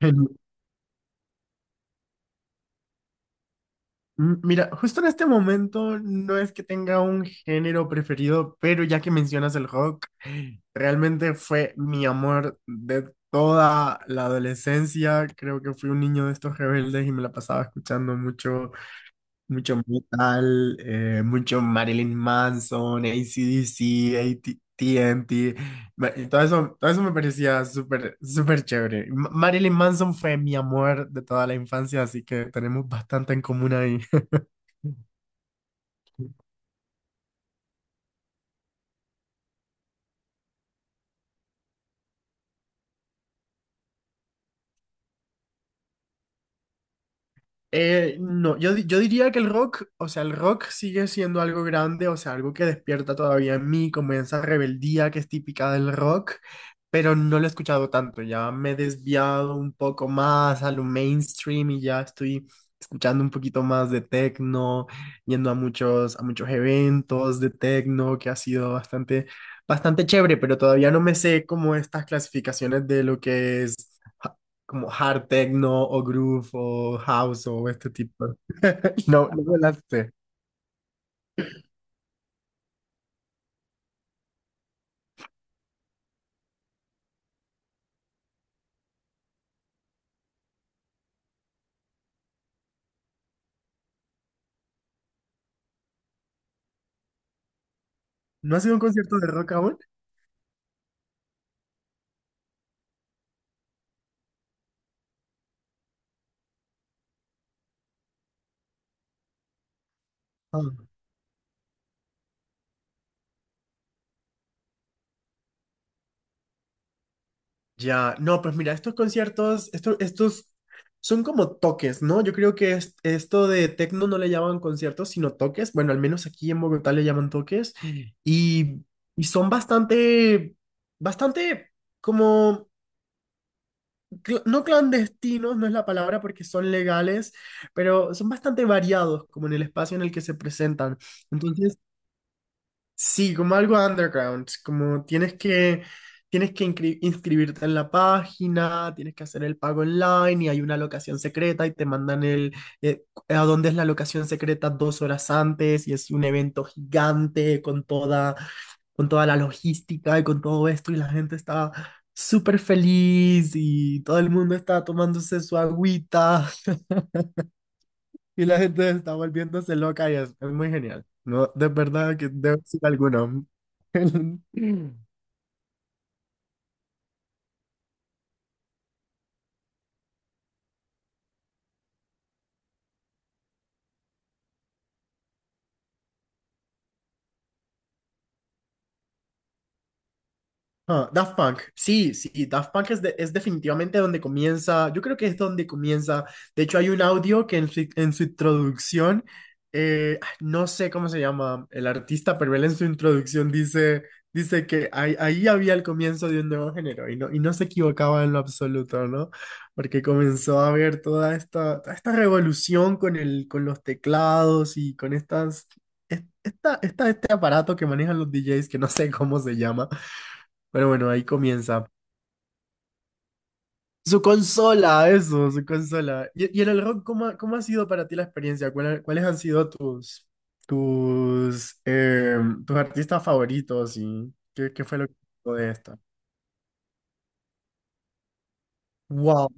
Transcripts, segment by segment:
El- Mira, justo en este momento no es que tenga un género preferido, pero ya que mencionas el rock, realmente fue mi amor de toda la adolescencia. Creo que fui un niño de estos rebeldes y me la pasaba escuchando mucho metal, mucho Marilyn Manson, AC/DC, AT&T, y todo eso me parecía súper, súper chévere. Marilyn Manson fue mi amor de toda la infancia, así que tenemos bastante en común ahí. No, yo diría que el rock, o sea, el rock sigue siendo algo grande, o sea, algo que despierta todavía en mí, como esa rebeldía que es típica del rock, pero no lo he escuchado tanto, ya me he desviado un poco más a lo mainstream y ya estoy escuchando un poquito más de techno, yendo a muchos eventos de techno, que ha sido bastante, bastante chévere, pero todavía no me sé como estas clasificaciones de lo que es como hard techno o groove o house o este tipo. No, no me las. ¿No ha sido un concierto de rock aún? Ah. Ya, no, pues mira, estos conciertos, estos son como toques, ¿no? Yo creo que esto de tecno no le llaman conciertos, sino toques. Bueno, al menos aquí en Bogotá le llaman toques. Y, y son bastante, bastante como no clandestinos, no es la palabra porque son legales, pero son bastante variados como en el espacio en el que se presentan. Entonces, sí, como algo underground, como tienes que inscribirte en la página, tienes que hacer el pago online y hay una locación secreta y te mandan el, eh, a dónde es la locación secreta 2 horas antes y es un evento gigante con toda la logística y con todo esto y la gente está súper feliz y todo el mundo está tomándose su agüita. Y la gente está volviéndose loca y es muy genial. No, de verdad que debe ser alguno. Ah, Daft Punk, sí, sí, Daft Punk es definitivamente donde comienza, yo creo que es donde comienza, de hecho hay un audio que en su introducción, no sé cómo se llama el artista, pero él en su introducción dice que ahí había el comienzo de un nuevo género y no se equivocaba en lo absoluto, ¿no? Porque comenzó a haber toda esta revolución con los teclados y con estas... este aparato que manejan los DJs, que no sé cómo se llama, pero bueno, ahí comienza. Su consola, eso, su consola. Y en el rock, ¿¿ cómo ha sido para ti la experiencia? ¿ cuáles han sido tus, eh, tus artistas favoritos y qué fue lo que pasó de esta? Wow,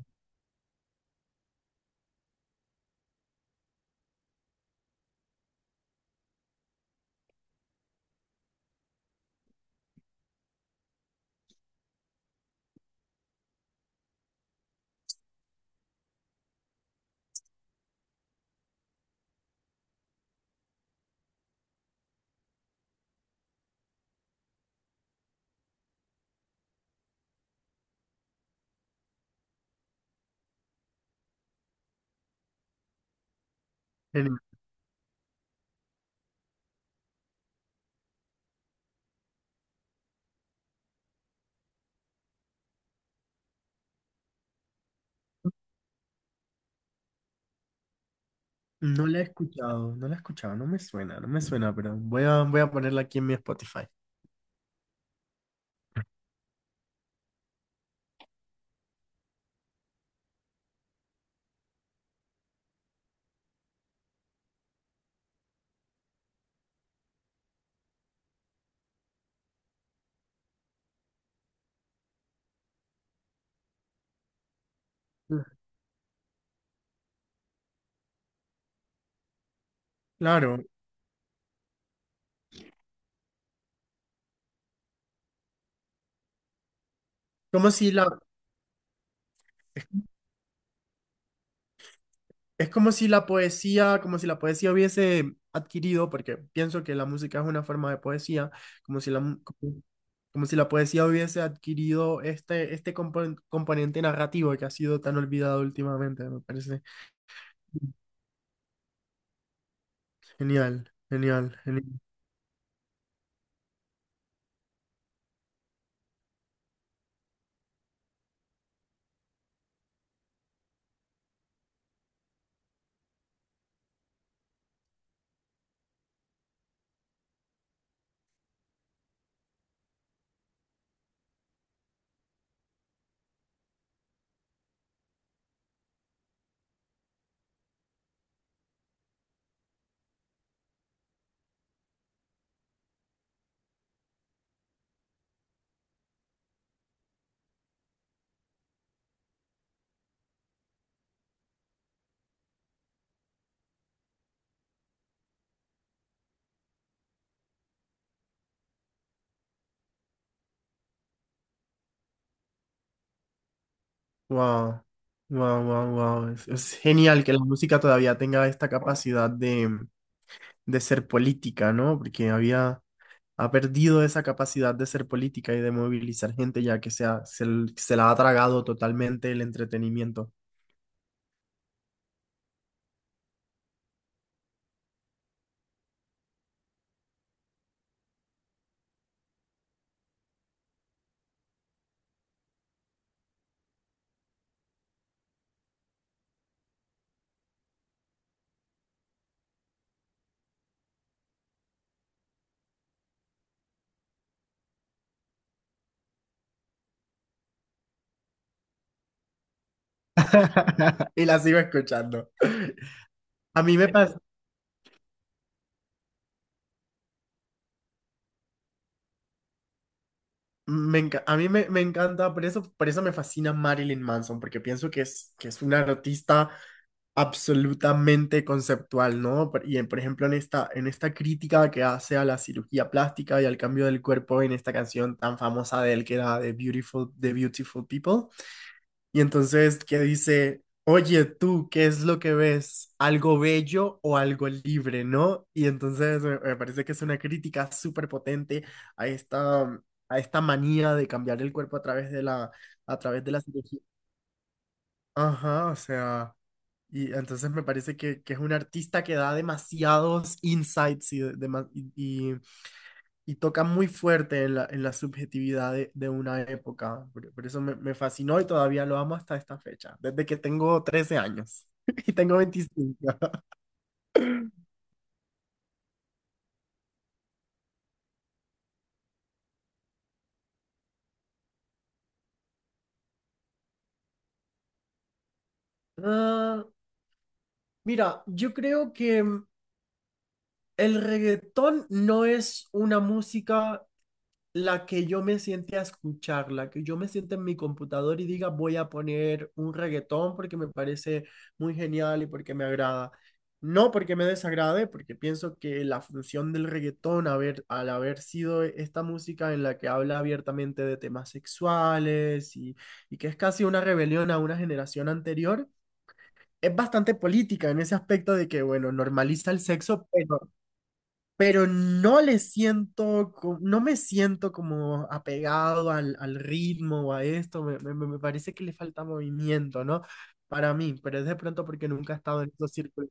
genial. No la he escuchado, no la he escuchado, no me suena, no me suena, pero voy a ponerla aquí en mi Spotify. Claro, como si la, es como si la poesía, hubiese adquirido, porque pienso que la música es una forma de poesía, como si la, mu- como, como si la poesía hubiese adquirido este componente narrativo que ha sido tan olvidado últimamente, me parece. Genial, genial, genial. Wow, wow, wow, wow. Es genial que la música todavía tenga esta capacidad de ser política, ¿no? Porque ha perdido esa capacidad de ser política y de movilizar gente, ya que se la ha tragado totalmente el entretenimiento. Y la sigo escuchando. A mí me, pas- me, enca- a mí me, me encanta, por eso me fascina Marilyn Manson, porque pienso que que es una artista absolutamente conceptual, ¿no? Por ejemplo, en esta crítica que hace a la cirugía plástica y al cambio del cuerpo en esta canción tan famosa de él que era The Beautiful People. Y entonces que dice, oye tú, ¿qué es lo que ves? ¿Algo bello o algo libre, no? Y entonces me parece que es una crítica súper potente a esta manía de cambiar el cuerpo a través de la, a través de la cirugía. Ajá, o sea, y entonces me parece que es un artista que da demasiados insights y toca muy fuerte en la subjetividad de una época. Por eso me fascinó y todavía lo amo hasta esta fecha, desde que tengo 13 años y tengo 25. Ah, mira, yo creo que el reggaetón no es una música la que yo me siente a escuchar, la que yo me siente en mi computador y diga voy a poner un reggaetón porque me parece muy genial y porque me agrada. No porque me desagrade, porque pienso que la función del reggaetón al haber sido esta música en la que habla abiertamente de temas sexuales y que es casi una rebelión a una generación anterior, es bastante política en ese aspecto de que, bueno, normaliza el sexo, pero no le siento, no me siento como apegado al ritmo o a esto, me parece que le falta movimiento, ¿no? Para mí, pero es de pronto porque nunca he estado en esos círculos.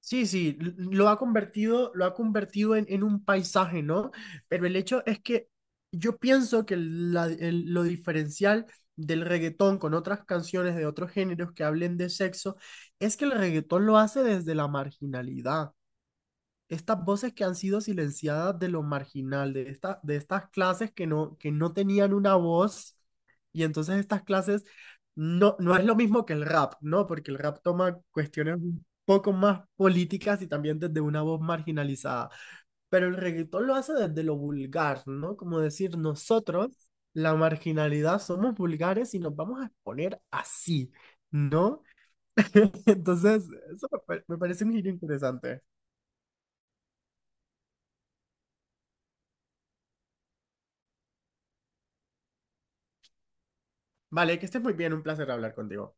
Sí, sí, lo ha convertido, en un paisaje, ¿no? Pero el hecho es que yo pienso que lo diferencial del reggaetón con otras canciones de otros géneros que hablen de sexo es que el reggaetón lo hace desde la marginalidad. Estas voces que han sido silenciadas de lo marginal, de estas clases que no tenían una voz, y entonces estas clases no es lo mismo que el rap, ¿no? Porque el rap toma cuestiones un poco más políticas y también desde una voz marginalizada, pero el reggaetón lo hace desde lo vulgar, ¿no? Como decir, nosotros, la marginalidad, somos vulgares y nos vamos a exponer así, ¿no? Entonces, eso me parece un giro interesante. Vale, que estés muy bien, un placer hablar contigo.